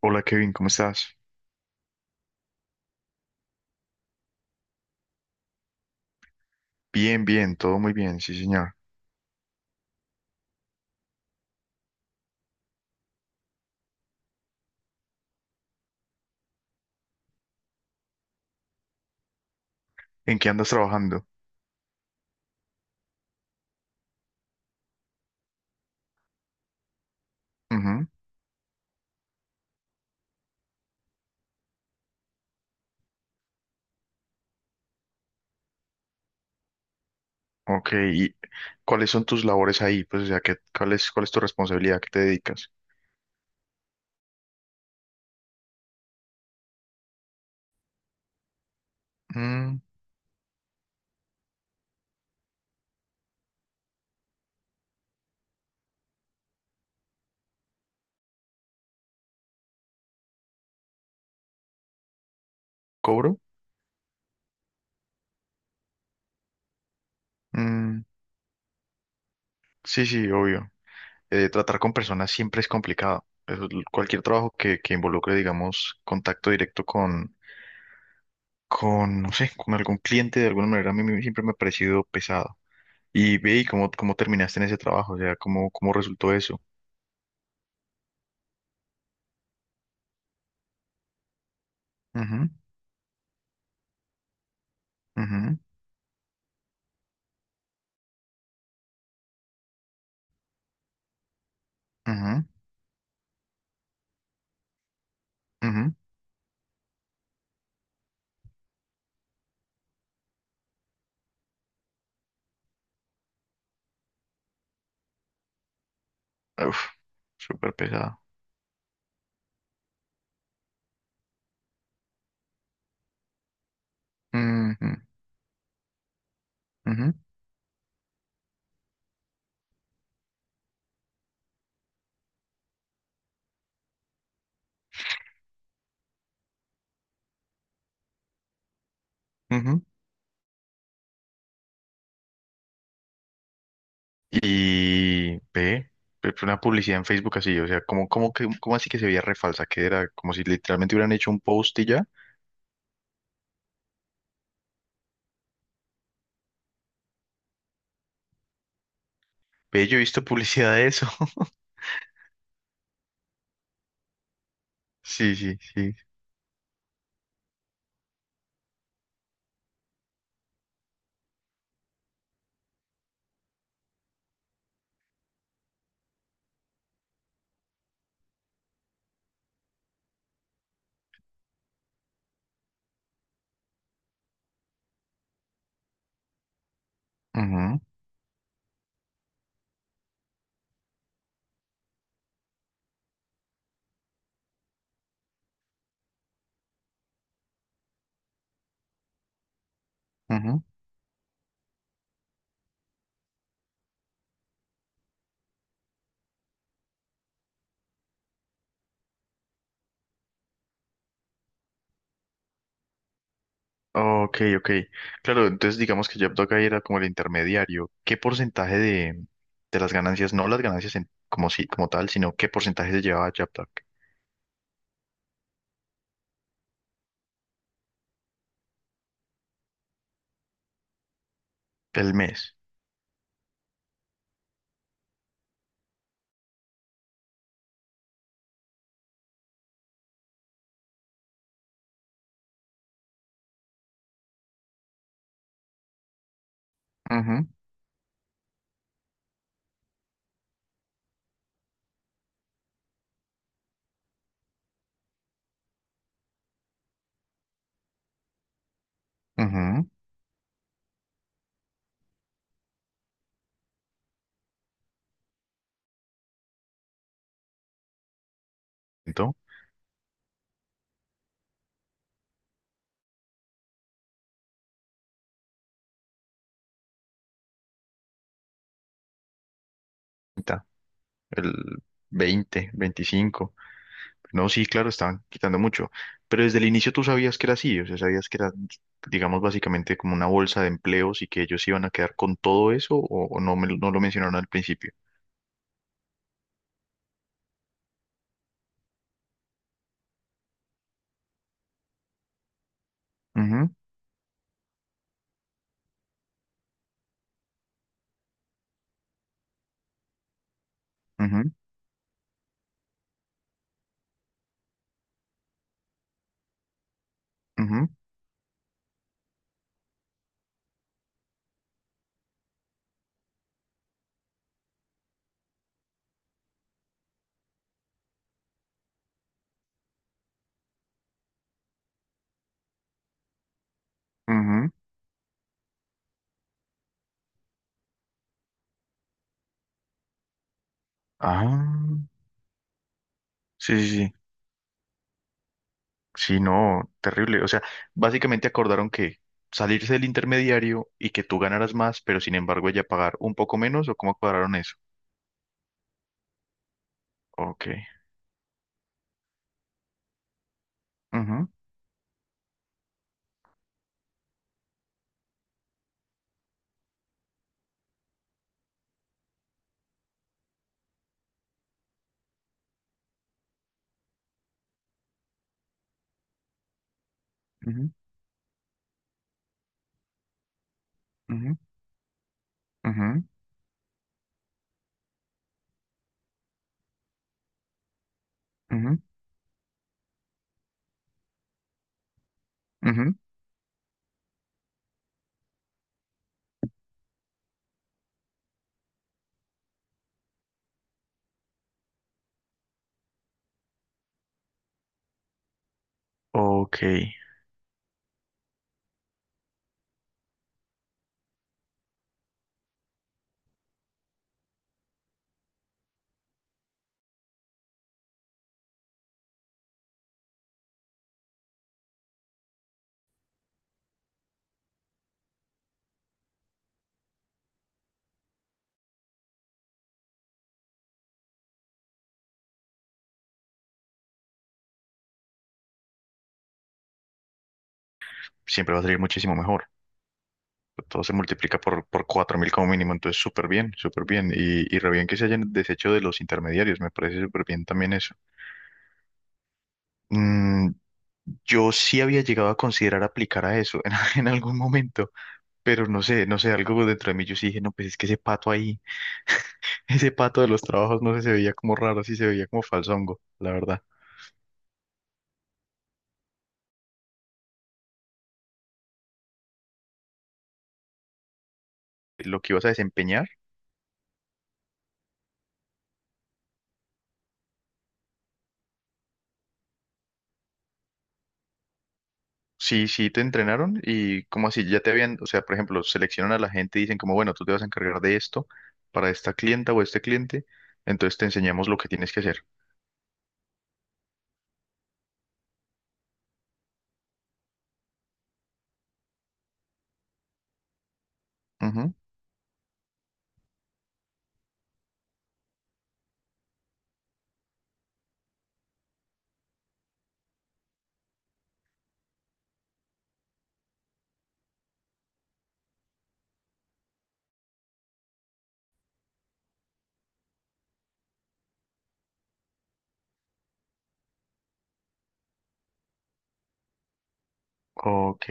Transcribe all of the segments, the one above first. Hola Kevin, ¿cómo estás? Bien, bien, todo muy bien, sí señor. ¿En qué andas trabajando? Ujú. Ok, ¿y cuáles son tus labores ahí? Pues, o sea, ¿qué, cuál es tu responsabilidad? ¿A ¿Qué te dedicas? Mm, ¿cobro? Mm, sí, sí, obvio. Tratar con personas siempre es complicado. Eso es cualquier trabajo que involucre, digamos, contacto directo con, no sé, con algún cliente de alguna manera, a mí siempre me ha parecido pesado. Y ve, ¿y cómo terminaste en ese trabajo? O sea, ¿cómo resultó eso? Ujú, ujú, ujú. Ujú. Uf, súper pesado. Ujú, ujú, ujú. Y ve, ve, fue una publicidad en Facebook así, o sea, como que, como así que se veía re falsa, que era como si literalmente hubieran hecho un post y ya. Ve, yo he visto publicidad de eso. Sí, sí, sí. Ujú, ujú. Ok, ok. Claro, entonces digamos que Dog ahí era como el intermediario. ¿Qué porcentaje de las ganancias, no las ganancias como si, como tal, sino qué porcentaje se llevaba Dog el mes? Ujú, ujú. Entonces, el 20, 25. No, sí, claro, estaban quitando mucho, pero desde el inicio tú sabías que era así, o sea, sabías que era, digamos, básicamente como una bolsa de empleos y que ellos iban a quedar con todo eso o no, no lo mencionaron al principio. Ujú, ujú, ujú, ujú. Ah, sí, sí, sí, sí, no, terrible, o sea, básicamente acordaron que salirse del intermediario y que tú ganaras más, pero sin embargo ella pagar un poco menos o cómo cuadraron eso. Ok. Ujú, ujú, ujú, ujú, ujú. Ujú. Ok, siempre va a salir muchísimo mejor. Todo se multiplica por 4.000 como mínimo, entonces súper bien, súper bien. Y re bien que se hayan deshecho de los intermediarios, me parece súper bien también eso. Mm, yo sí había llegado a considerar aplicar a eso en, en algún momento, pero no sé, no sé, algo dentro de mí yo sí dije, no, pues es que ese pato ahí, ese pato de los trabajos, no sé, se veía como raro, sí se veía como falsongo, la verdad. Lo que ibas a desempeñar. Sí, sí te entrenaron y como así, ya te habían, o sea, por ejemplo, seleccionan a la gente y dicen como, bueno, tú te vas a encargar de esto para esta clienta o este cliente, entonces te enseñamos lo que tienes que hacer. Ujú. Ok.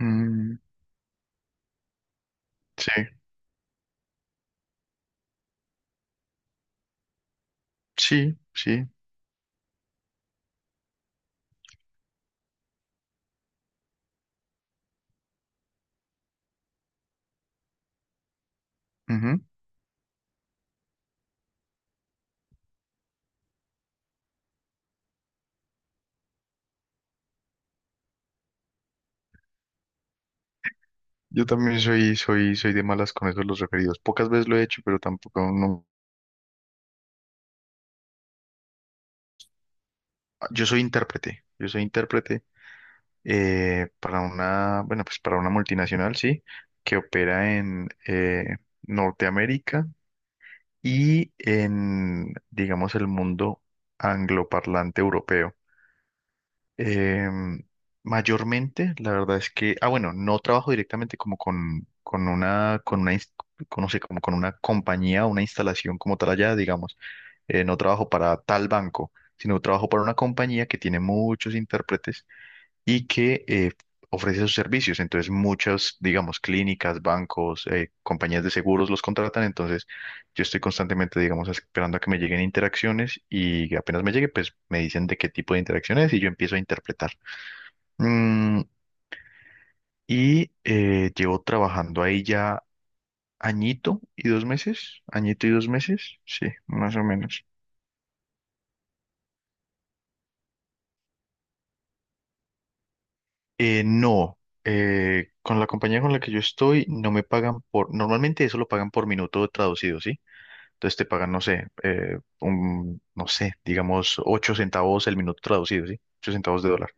Mm, sí, sí, sí. Ujú. Yo también soy de malas con eso de los referidos. Pocas veces lo he hecho, pero tampoco no. Yo soy intérprete. Yo soy intérprete para una, bueno, pues para una multinacional, sí, que opera en Norteamérica y en, digamos, el mundo angloparlante europeo. Em, mayormente, la verdad es que, ah, bueno, no trabajo directamente como con una, con, no sé, como con una compañía, una instalación como tal allá, digamos. No trabajo para tal banco, sino trabajo para una compañía que tiene muchos intérpretes y que ofrece sus servicios. Entonces, muchas, digamos, clínicas, bancos, compañías de seguros los contratan. Entonces, yo estoy constantemente, digamos, esperando a que me lleguen interacciones y apenas me llegue, pues me dicen de qué tipo de interacción es y yo empiezo a interpretar. Mm, y llevo trabajando ahí ya añito y 2 meses, añito y 2 meses, sí, más o menos. No. Con la compañía con la que yo estoy, no me pagan por, normalmente eso lo pagan por minuto traducido, ¿sí? Entonces te pagan, no sé, un, no sé, digamos 8 centavos el minuto traducido, ¿sí? 8 centavos de dólar.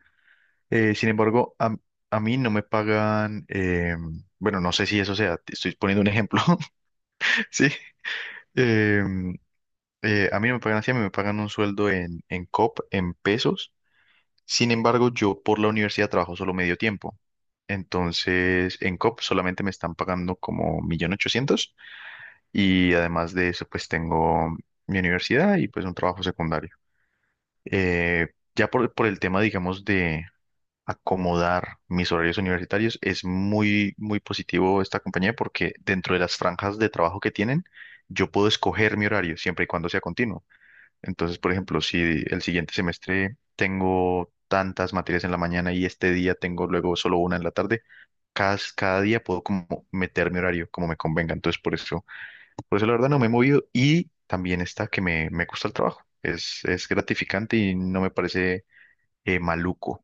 Sin embargo, a, mí no me pagan, bueno, no sé si eso sea, te estoy poniendo un ejemplo, ¿sí? Eh, a mí no me pagan así, a mí me pagan un sueldo en, COP, en pesos. Sin embargo, yo por la universidad trabajo solo medio tiempo. Entonces, en COP solamente me están pagando como 1.800.000 y además de eso, pues tengo mi universidad y pues un trabajo secundario. Eh, ya por el tema, digamos, de acomodar mis horarios universitarios, es muy, muy positivo esta compañía porque dentro de las franjas de trabajo que tienen, yo puedo escoger mi horario siempre y cuando sea continuo. Entonces, por ejemplo, si el siguiente semestre tengo tantas materias en la mañana y este día tengo luego solo una en la tarde, cada día puedo como meter mi horario como me convenga. Entonces, por eso la verdad no me he movido y también está que me gusta el trabajo. Es gratificante y no me parece maluco.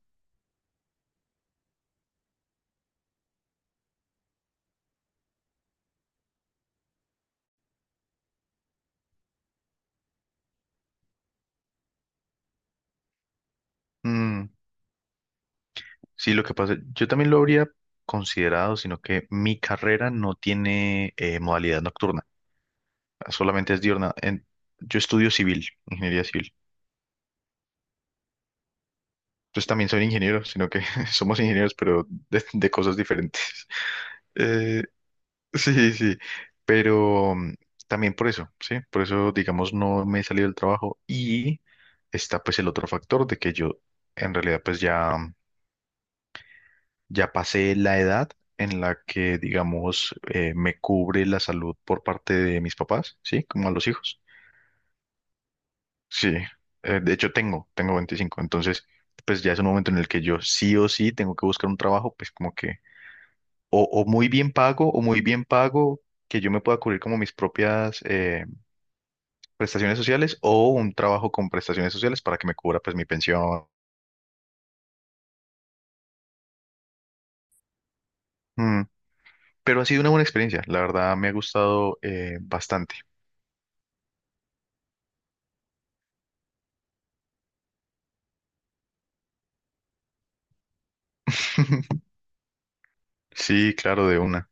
Mm, sí, lo que pasa, yo también lo habría considerado, sino que mi carrera no tiene modalidad nocturna, solamente es diurna. Yo estudio civil, ingeniería civil. Entonces también soy ingeniero, sino que somos ingenieros, pero de cosas diferentes. Eh, sí, sí, pero también por eso, sí, por eso, digamos, no me he salido del trabajo y está pues el otro factor de que yo en realidad pues ya... Ya pasé la edad en la que, digamos, me cubre la salud por parte de mis papás, ¿sí? Como a los hijos. Sí, de hecho tengo 25, entonces pues ya es un momento en el que yo sí o sí tengo que buscar un trabajo, pues como que o muy bien pago o muy bien pago que yo me pueda cubrir como mis propias prestaciones sociales o un trabajo con prestaciones sociales para que me cubra pues mi pensión. Mm. Pero ha sido una buena experiencia, la verdad me ha gustado bastante. Sí, claro, de una.